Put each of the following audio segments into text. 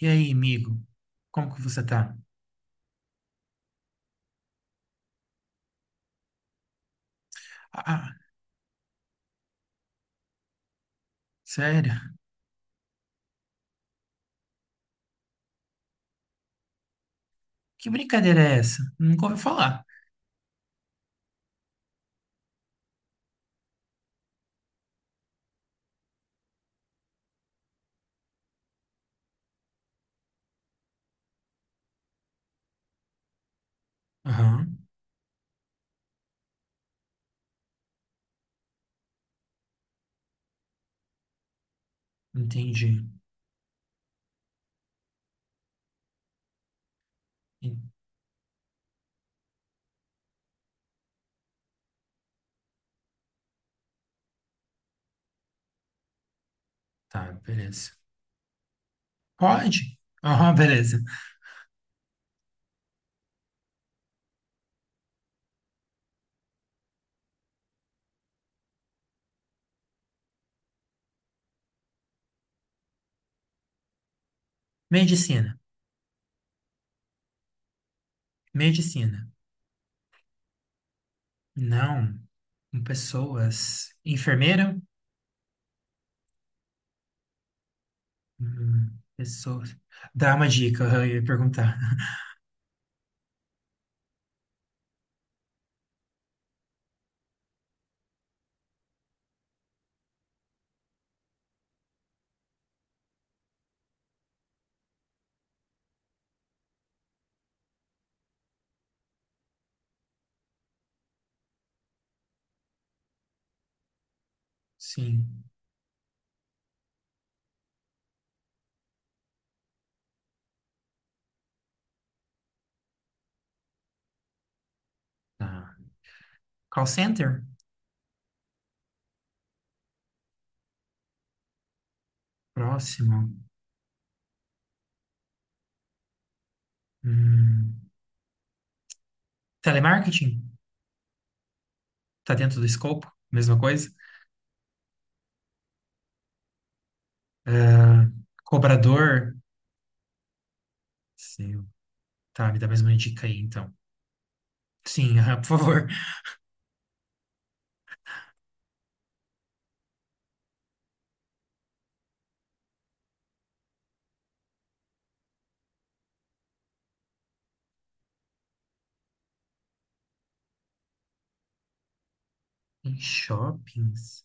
E aí, amigo? Como que você tá? Ah, sério? Que brincadeira é essa? Nunca ouvi falar. Aham, entendi. E- Tá, beleza. Pode? Aham, beleza. Medicina. Medicina. Não. Com pessoas. Enfermeira? Hum, pessoas. Dá uma dica, aham, eu ia perguntar. Sim. Tá. Call center? Próximo. Hum, telemarketing? Tá dentro do escopo? Mesma coisa? Ah, cobrador. Sim. Tá, me dá mais uma dica aí, então. Sim, ah, por favor. Em shoppings?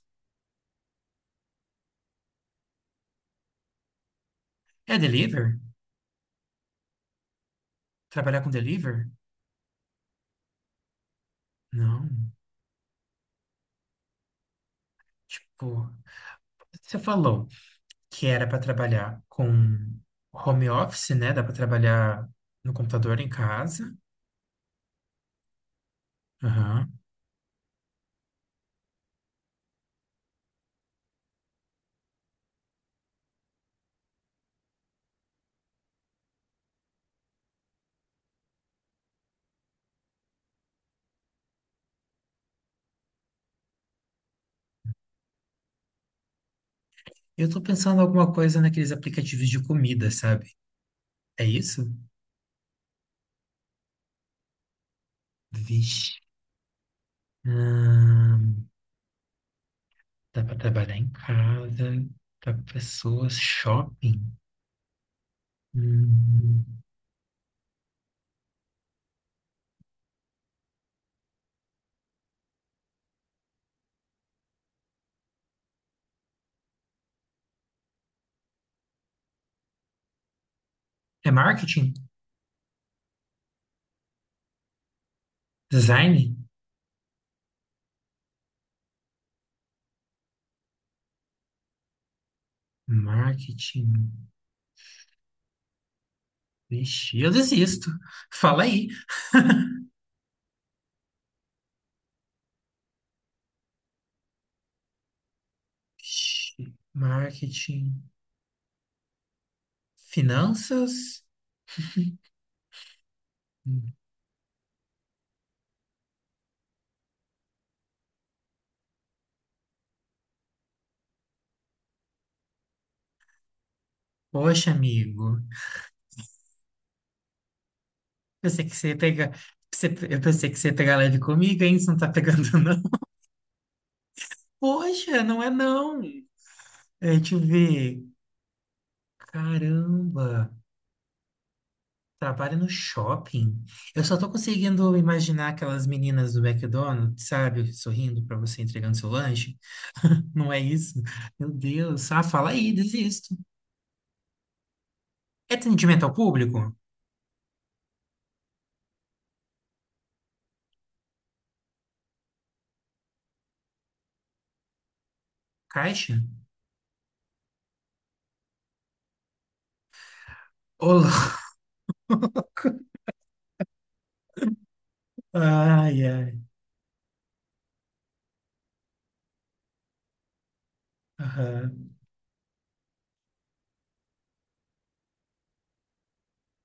É deliver? Trabalhar com deliver? Não. Tipo, você falou que era para trabalhar com home office, né? Dá para trabalhar no computador em casa. Aham. Eu tô pensando em alguma coisa naqueles aplicativos de comida, sabe? É isso? Vixe. Ahn, dá para trabalhar em casa, para pessoas, shopping. Hum. É marketing? Design? Marketing. Vixe, eu desisto. Fala aí. Vixe, marketing. Finanças? Hum, Poxa, amigo. Pensei que você ia pegar. Eu pensei que você ia pegar leve comigo, hein? Você não tá pegando, não. Poxa, não é não. É, deixa eu ver. Caramba. Trabalha no shopping. Eu só tô conseguindo imaginar aquelas meninas do McDonald's, sabe? Sorrindo pra você entregando seu lanche. Não é isso? Meu Deus. Ah, fala aí, desisto. É atendimento ao público? Caixa? Olá. Ai, ai. Aham.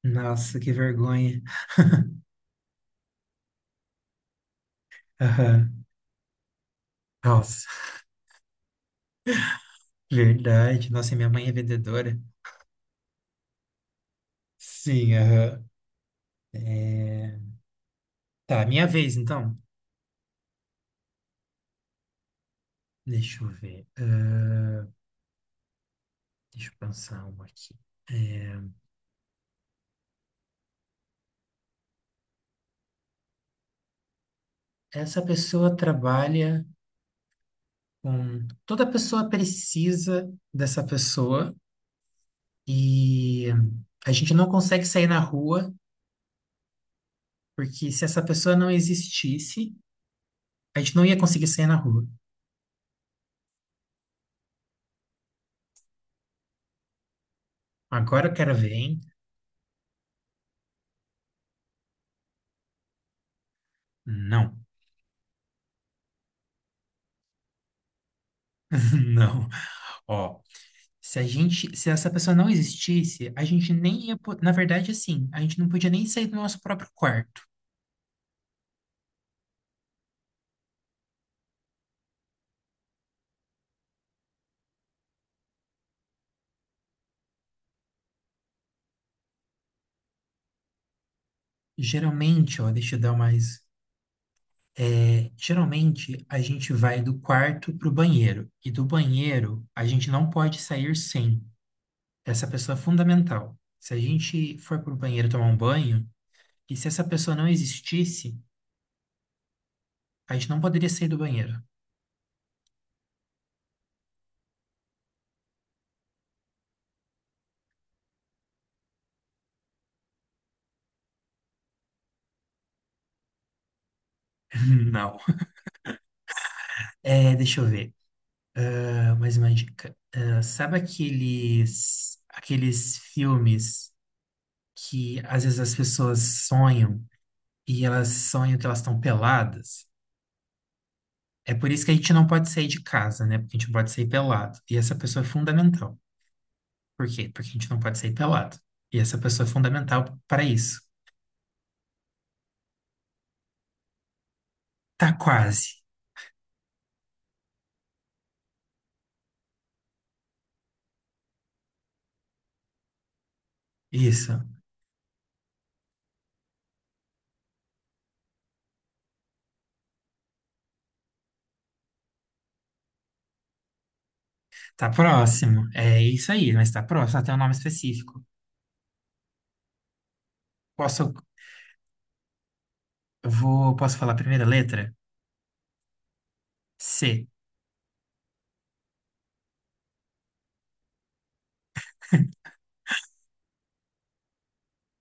Nossa, que vergonha. Aham. Nossa, verdade. Nossa, e minha mãe é vendedora. Sim, aham. É, tá, minha vez então. Deixa eu ver. Ah, deixa eu pensar uma aqui. É, essa pessoa trabalha com. Toda pessoa precisa dessa pessoa e a gente não consegue sair na rua, porque se essa pessoa não existisse, a gente não ia conseguir sair na rua. Agora o cara vem? Não, não. Ó, se a gente, se essa pessoa não existisse, a gente nem ia, po- na verdade, assim, a gente não podia nem sair do nosso próprio quarto. Geralmente, ó, deixa eu dar mais. Geralmente, a gente vai do quarto para o banheiro, e do banheiro a gente não pode sair sem. Essa pessoa é fundamental. Se a gente for para o banheiro tomar um banho, que se essa pessoa não existisse, a gente não poderia sair do banheiro. Não. É, deixa eu ver. Ah, mais uma dica. Ah, sabe aqueles filmes que às vezes as pessoas sonham e elas sonham que elas estão peladas? É por isso que a gente não pode sair de casa, né? Porque a gente não pode sair pelado. E essa pessoa é fundamental. Por quê? Porque a gente não pode sair pelado. E essa pessoa é fundamental para isso. Tá quase. Isso. Tá próximo. É isso aí, mas tá próximo. Até um nome específico. Posso, eu vou, posso falar a primeira letra? C.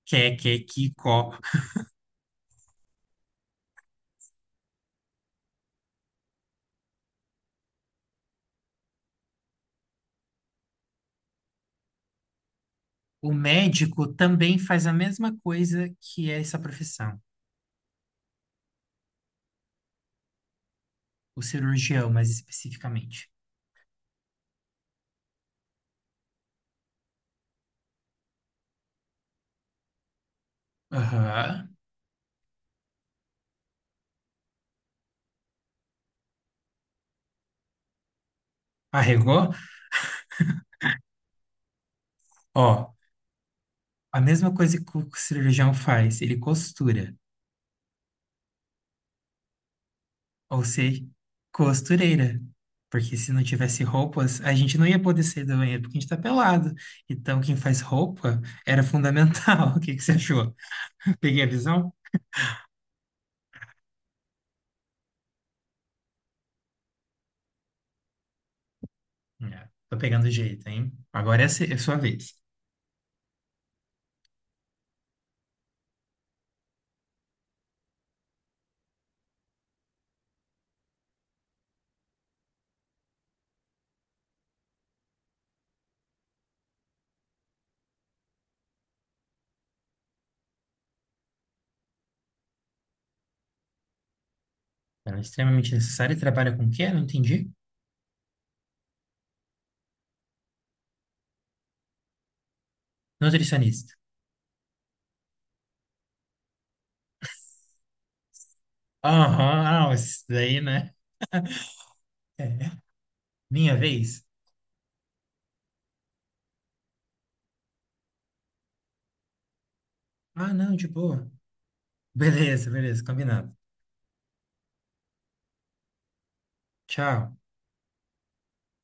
Que, é, que, é, que, có. O médico também faz a mesma coisa que essa profissão. O cirurgião, mais especificamente. Aham. Arregou? Ó, a mesma coisa que o cirurgião faz. Ele costura. Ou ser costureira. Porque se não tivesse roupas, a gente não ia poder sair do banheiro porque a gente tá pelado. Então, quem faz roupa era fundamental. O que que você achou? Peguei a visão? É, tô pegando jeito, hein? Agora é a se- é a sua vez. Ela é extremamente necessária e trabalha com o quê? Não entendi. Nutricionista. Aham, ah, isso daí, né? É. Minha vez? Ah, não, de boa. Beleza, beleza, combinado. Tchau.